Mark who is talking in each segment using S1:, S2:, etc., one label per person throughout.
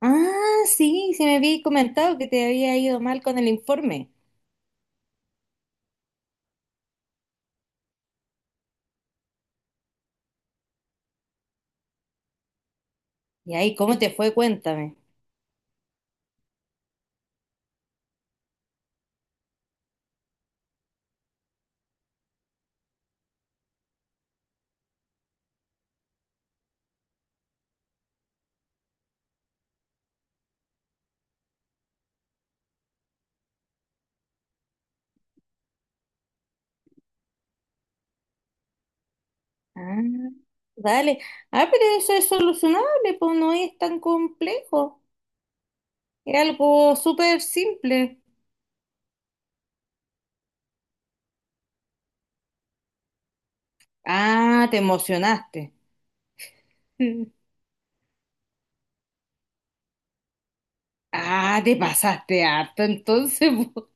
S1: Ah, sí, sí me habías comentado que te había ido mal con el informe. Y ahí, ¿cómo te fue? Cuéntame. Ah, dale. Ah, pero eso es solucionable, pues no es tan complejo. Es algo súper simple. Ah, te emocionaste. Mm. Ah, te pasaste harto entonces. po.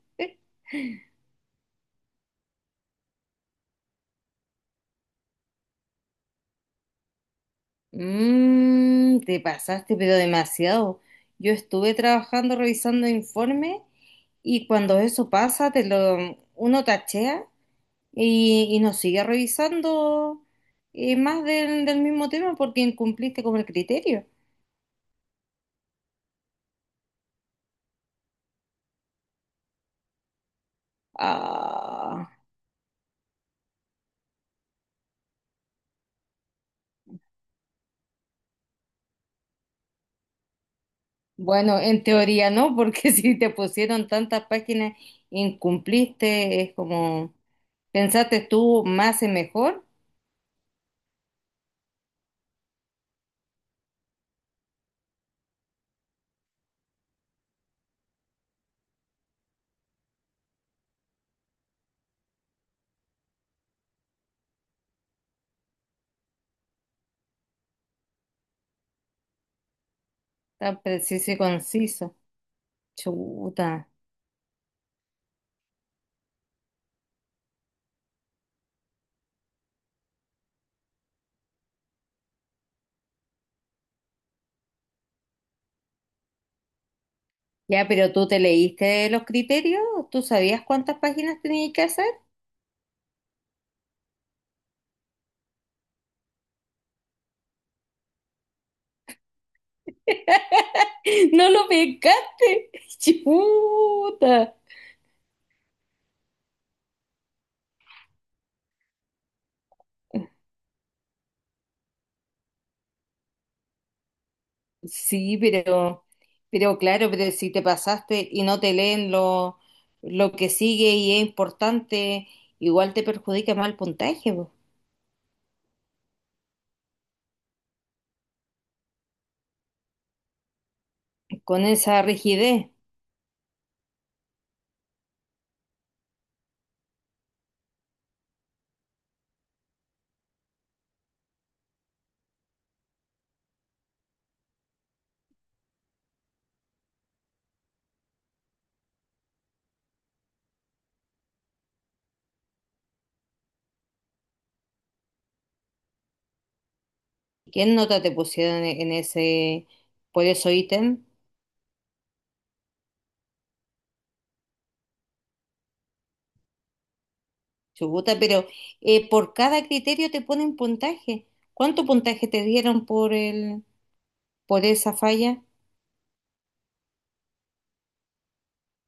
S1: Mm, te pasaste, pero demasiado. Yo estuve trabajando revisando informes y cuando eso pasa, te lo, uno tachea y, nos sigue revisando más del mismo tema porque incumpliste con el criterio. Ah, bueno, en teoría no, porque si te pusieron tantas páginas, incumpliste, es como, pensaste tú más y mejor, tan preciso y conciso. Chuta. Ya, pero tú te leíste los criterios, tú sabías cuántas páginas tenías que hacer. No lo pescaste. Chuta. Sí, pero claro, pero si te pasaste y no te leen lo que sigue y es importante, igual te perjudica más el puntaje, po, con esa rigidez. ¿Qué nota te pusieron en ese, por eso ítem? Chubuta, pero por cada criterio te ponen puntaje. ¿Cuánto puntaje te dieron por el, por esa falla?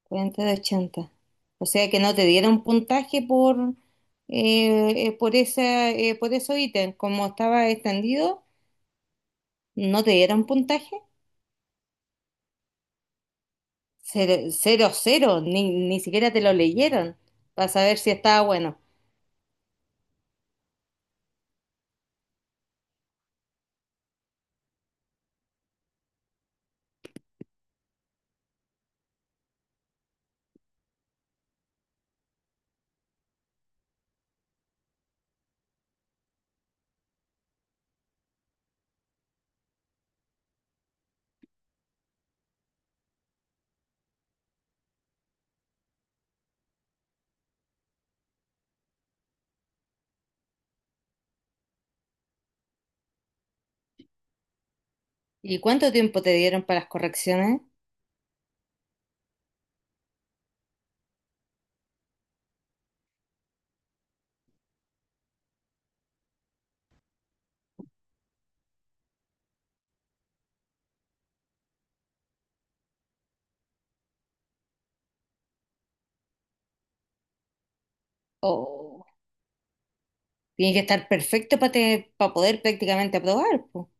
S1: 40 de 80. O sea que no te dieron puntaje por esa, por esos ítems. Como estaba extendido, no te dieron puntaje. Cero, cero, cero. Ni, ni siquiera te lo leyeron para saber si estaba bueno. ¿Y cuánto tiempo te dieron para las correcciones? O tiene que estar perfecto para poder prácticamente aprobar, po.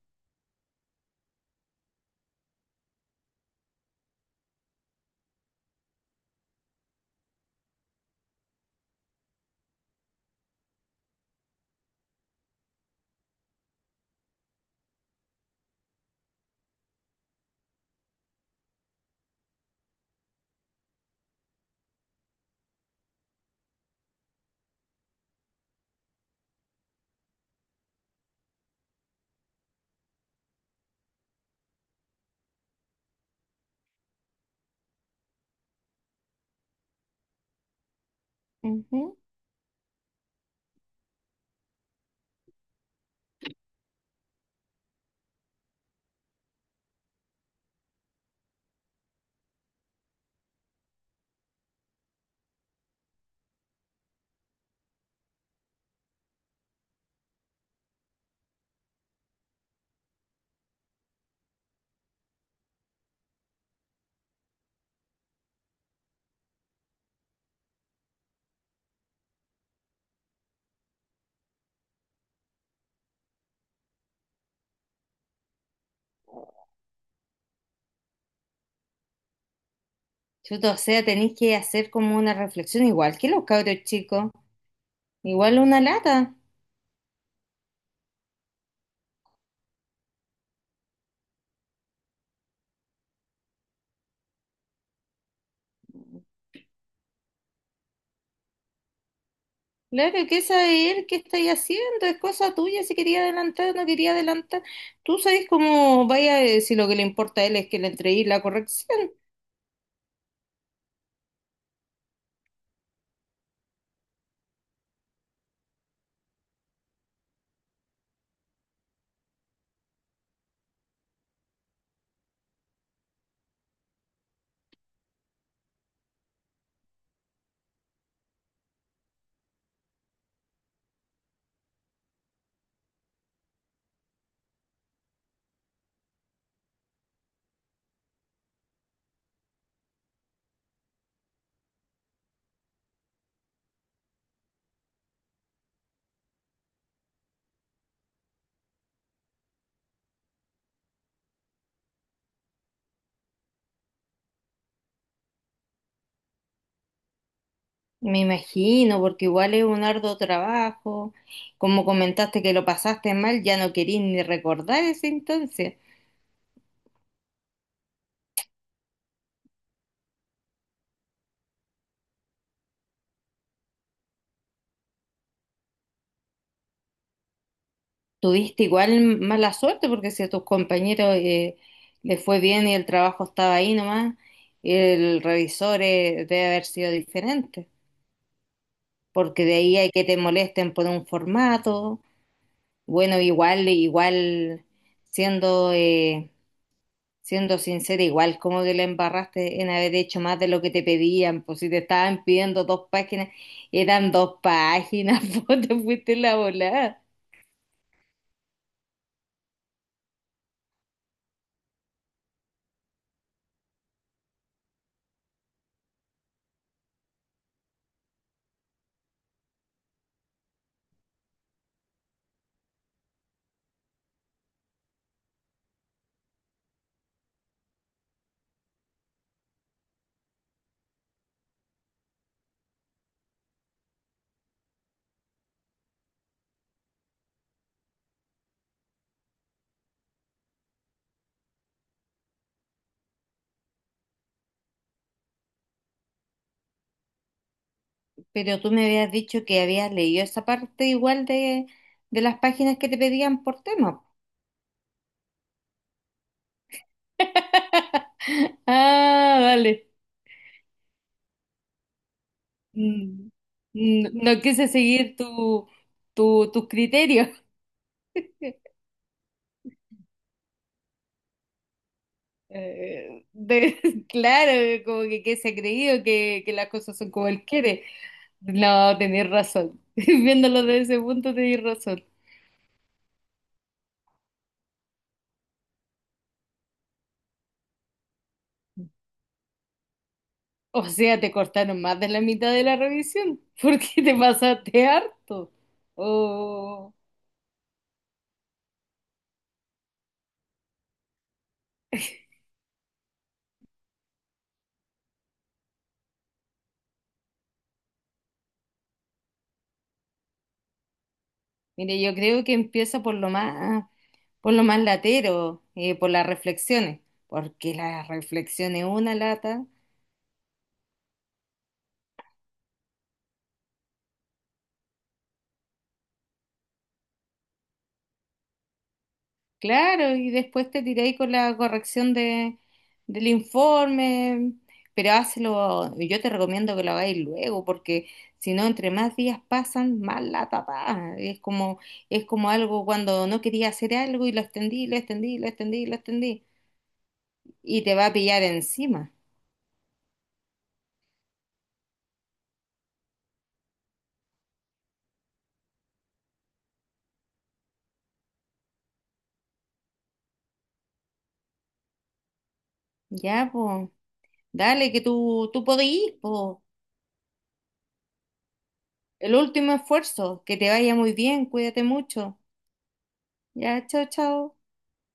S1: Ujú. Chuta, o sea, tenéis que hacer como una reflexión igual que los cabros chicos. Igual una lata. Claro, que esa de él, ¿qué estáis haciendo? Es cosa tuya, si quería adelantar o no quería adelantar. Tú sabes cómo vaya, si lo que le importa a él es que le entreguéis la corrección. Me imagino, porque igual es un arduo trabajo. Como comentaste que lo pasaste mal, ya no querís ni recordar ese entonces. Tuviste igual mala suerte, porque si a tus compañeros les fue bien y el trabajo estaba ahí nomás, el revisor debe haber sido diferente. Porque de ahí hay que te molesten por un formato. Bueno, igual, igual, siendo, siendo sincera, igual como que la embarraste en haber hecho más de lo que te pedían, pues si te estaban pidiendo dos páginas, eran dos páginas, pues te fuiste la volada. Pero tú me habías dicho que habías leído esa parte igual de las páginas que te pedían por tema. Ah, vale. Mm, no, no quise seguir tu, tu, tus criterios. De- claro, como que se ha creído que las cosas son como él quiere. No, tenés razón. Viéndolo desde ese punto, tenés razón. O sea, te cortaron más de la mitad de la revisión. ¿Porque te pasaste harto? Oh, mire, yo creo que empieza por lo más latero, por las reflexiones. Porque las reflexiones una lata. Claro, y después te tiré ahí con la corrección de, del informe, pero hazlo, yo te recomiendo que lo hagáis luego, porque si no, entre más días pasan, más la tapa. Es como algo cuando no quería hacer algo y lo extendí, lo extendí, lo extendí, lo extendí, y te va a pillar encima. Ya, pues, dale, que tú podís, pues, el último esfuerzo, que te vaya muy bien, cuídate mucho. Ya, chao, chao.